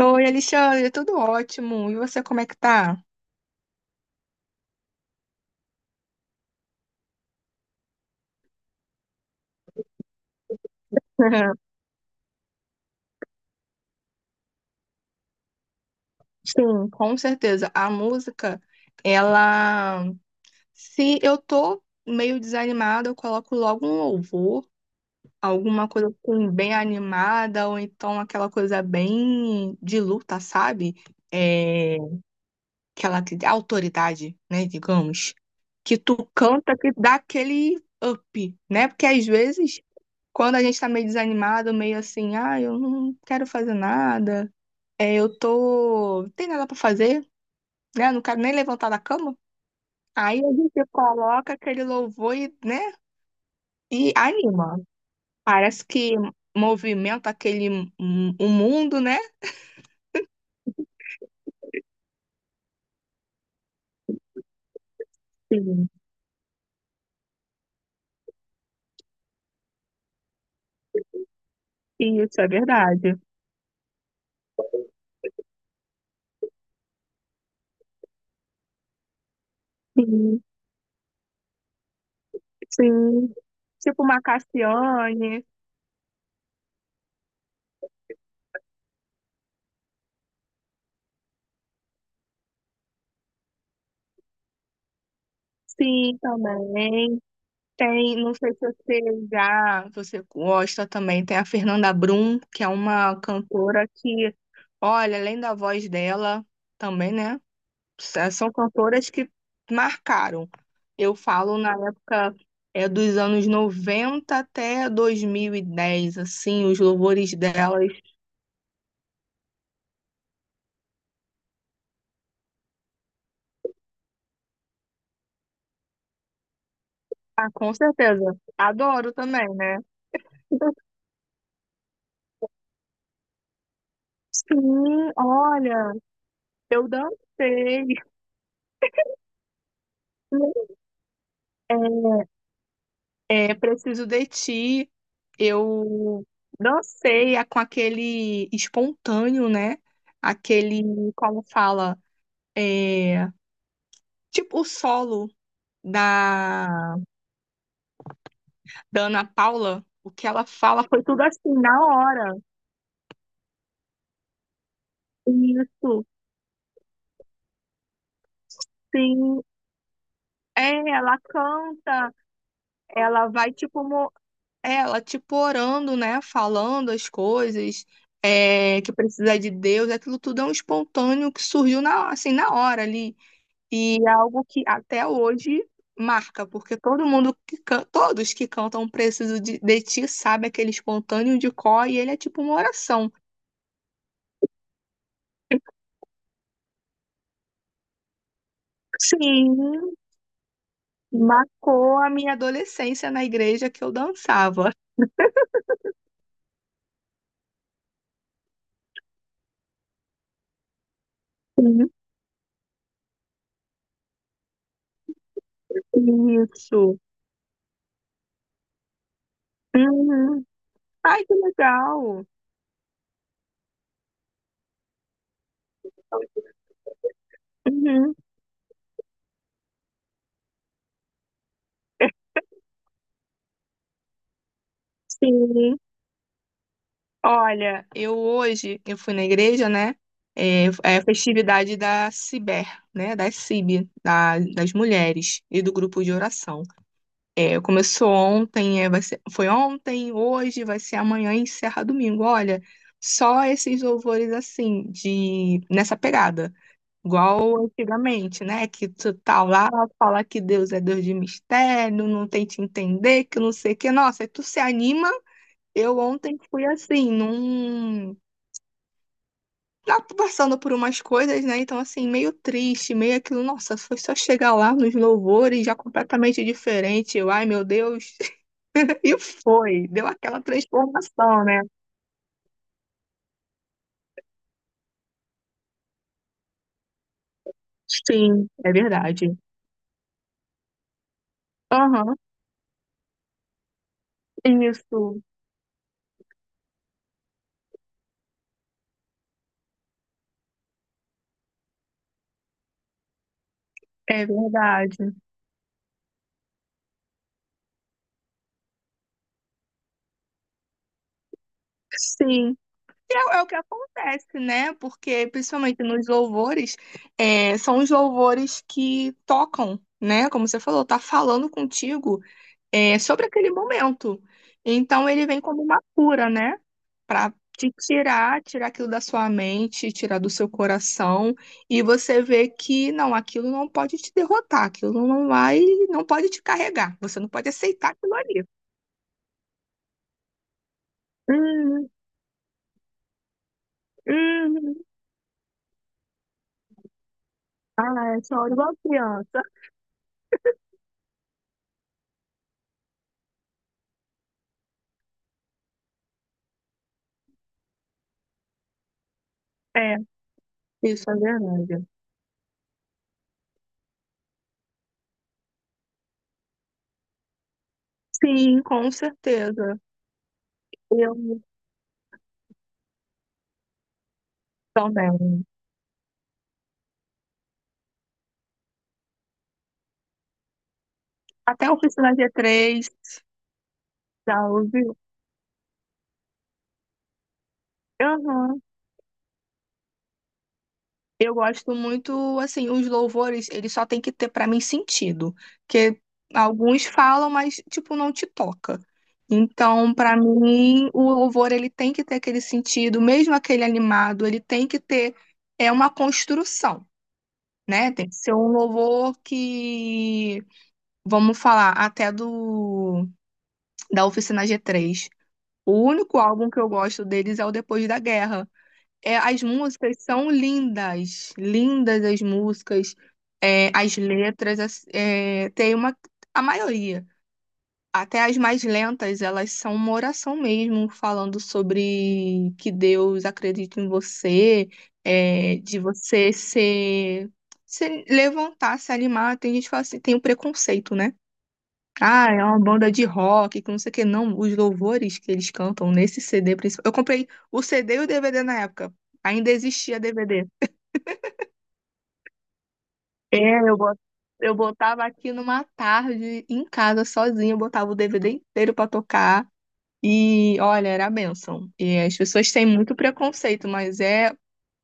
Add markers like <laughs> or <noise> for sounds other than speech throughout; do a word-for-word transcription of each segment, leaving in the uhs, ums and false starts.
Oi, Alexandre, tudo ótimo. E você, como é que tá? <laughs> Sim, com certeza. A música, ela. Se eu tô meio desanimada, eu coloco logo um louvor, alguma coisa assim, bem animada, ou então aquela coisa bem de luta, sabe? É... Aquela que- autoridade, né, digamos. Que tu canta, que dá aquele up, né? Porque às vezes, quando a gente tá meio desanimado, meio assim, ah, eu não quero fazer nada. É, eu tô. Não tem nada pra fazer, né? Não quero nem levantar da cama. Aí a gente coloca aquele louvor e, né? E anima. Parece que movimenta aquele m- o mundo, né? Sim. Isso é verdade. Sim, sim. Tipo uma Cassiane. Sim, também. Tem, não sei se você já, se você gosta também, tem a Fernanda Brum, que é uma cantora que, olha, além da voz dela, também, né? sa- São cantoras que marcaram. Eu falo na época é dos anos noventa até dois mil e dez, assim, os louvores delas. Ah, com certeza. Adoro também, né? Sim, olha, eu dancei. É, Preciso de Ti. Eu dancei a- com aquele espontâneo, né? Aquele, como fala, é, tipo o solo da da Ana Paula, o que ela fala foi tudo assim, na hora. Isso, sim. É, ela canta, ela vai tipo, mo- é, ela tipo orando, né? Falando as coisas, é, que precisa de Deus, aquilo tudo é um espontâneo que surgiu na, assim, na hora ali. E é algo que até hoje marca, porque todo mundo que can- todos que cantam Preciso de, de Ti sabe aquele espontâneo de cor e ele é tipo uma oração. Sim. Marcou a minha adolescência na igreja que eu dançava. Sim, isso. Uhum. Ai, que legal. Uhum, sim. Olha, eu hoje, eu fui na igreja, né? É, é a festividade da Ciber, né? Da C I B, da- das mulheres e do grupo de oração. É, começou ontem, é, vai ser, foi ontem, hoje, vai ser amanhã e encerra domingo. Olha, só esses louvores assim, de, nessa pegada. Igual antigamente, né? Que tu tá lá, fala que Deus é Deus de mistério, não tem te entender, que não sei o que. Nossa, aí tu se anima. Eu ontem fui assim, num. Lá Passando por umas coisas, né? Então, assim, meio triste, meio aquilo. Nossa, foi só chegar lá nos louvores, já completamente diferente. Eu, ai, meu Deus. <laughs> E foi. Deu aquela transformação, né? Sim, é verdade. Aham, isso. É verdade. Sim. E É, é o que acontece, né? Porque, principalmente nos louvores, é, são os louvores que tocam, né? Como você falou, tá falando contigo, é, sobre aquele momento. Então, ele vem como uma cura, né? Pra te tirar, tirar aquilo da sua mente, tirar do seu coração. E você vê que, não, aquilo não pode te derrotar, aquilo não vai, não pode te carregar. Você não pode aceitar aquilo ali. Hum, hum. Ah, eu choro igual criança. É. Isso é verdade. Sim, com certeza. Eu também. Até a Oficina g três já ouviu? Aham. Eu gosto muito, assim, os louvores, eles só tem que ter pra mim sentido, que alguns falam, mas tipo não te toca. Então, pra mim, o louvor ele tem que ter aquele sentido, mesmo aquele animado, ele tem que ter é uma construção, né? Tem que ser um louvor que, vamos falar, até do da Oficina G três. O único álbum que eu gosto deles é o Depois da Guerra. É, as músicas são lindas, lindas as músicas, é, as letras, as- é, tem uma, a maioria. Até as mais lentas, elas são uma oração mesmo, falando sobre que Deus acredita em você, é, de você ser, se levantar, se animar. Tem gente que fala assim, tem o preconceito, né? Ah, é uma banda de rock, que não sei o que, não. Os louvores que eles cantam nesse C D principal. Eu comprei o C D e o D V D na época. Ainda existia D V D. É, eu bot- eu botava aqui numa tarde em casa sozinha, eu botava o D V D inteiro pra tocar. E olha, era a bênção. E as pessoas têm muito preconceito, mas é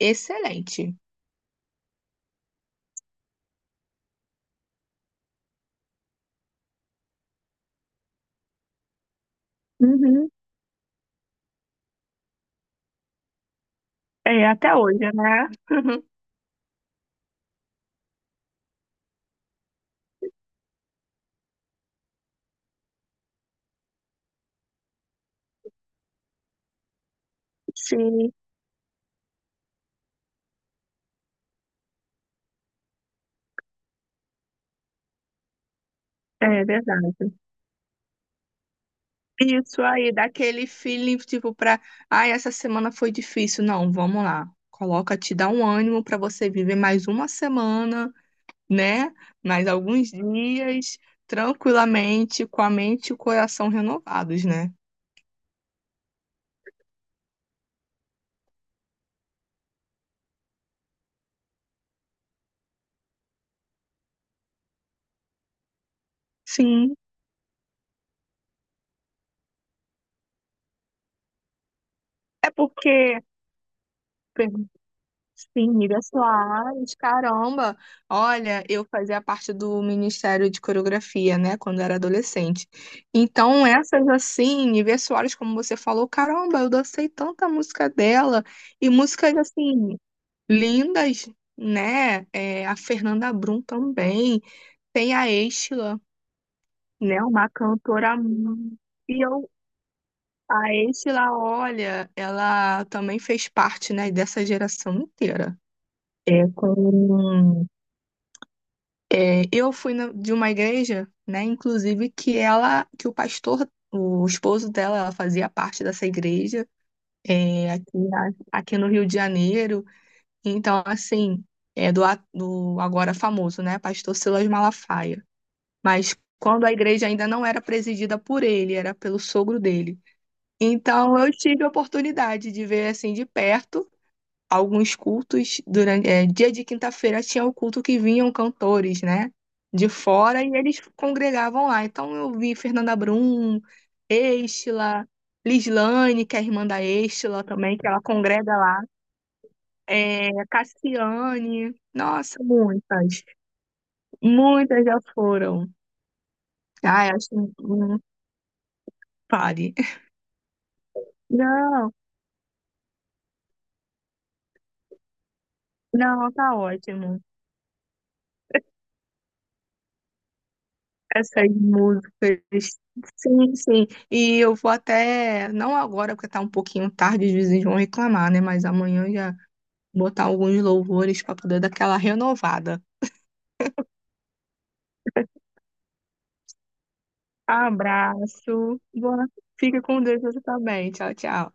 excelente. Uhum. É, até hoje, né? <laughs> Sim, é verdade. Isso aí, dá aquele feeling, tipo, pra. Ai, essa semana foi difícil. Não, vamos lá. Coloca, te dá um ânimo pra você viver mais uma semana, né? Mais alguns dias, tranquilamente, com a mente e o coração renovados, né? Sim. É porque. Sim, Ida Soares, caramba! Olha, eu fazia parte do Ministério de Coreografia, né, quando era adolescente. Então, essas assim, Ivete Soares, como você falou, caramba, eu dancei tanta música dela, e músicas assim, lindas, né? É, a Fernanda Brum também, tem a Estela, né, uma cantora. mu- E eu, a Estela, olha, ela também fez parte, né, dessa geração inteira. É com É, eu fui na- de uma igreja, né, inclusive que ela, que o pastor, o esposo dela, ela fazia parte dessa igreja, é, aqui, na- aqui no Rio de Janeiro. Então, assim, é do, a- do agora famoso, né, pastor Silas Malafaia. Mas quando a igreja ainda não era presidida por ele, era pelo sogro dele. Então, eu tive a oportunidade de ver assim de perto alguns cultos durante é, dia de quinta-feira tinha o culto que vinham cantores, né, de fora e eles congregavam lá. Então eu vi Fernanda Brum, Estela, Lislane, que é a irmã da Estela também, que ela congrega lá. É, Cassiane, nossa, muitas, muitas já foram. Ai, acho que não pare. <laughs> Não, não, tá ótimo. Essas músicas. Sim, sim. E eu vou até, não agora, porque tá um pouquinho tarde, os vizinhos vão reclamar, né? Mas amanhã eu já botar alguns louvores para poder dar aquela renovada. Abraço. Boa. Fica com Deus você também. Tchau, tchau.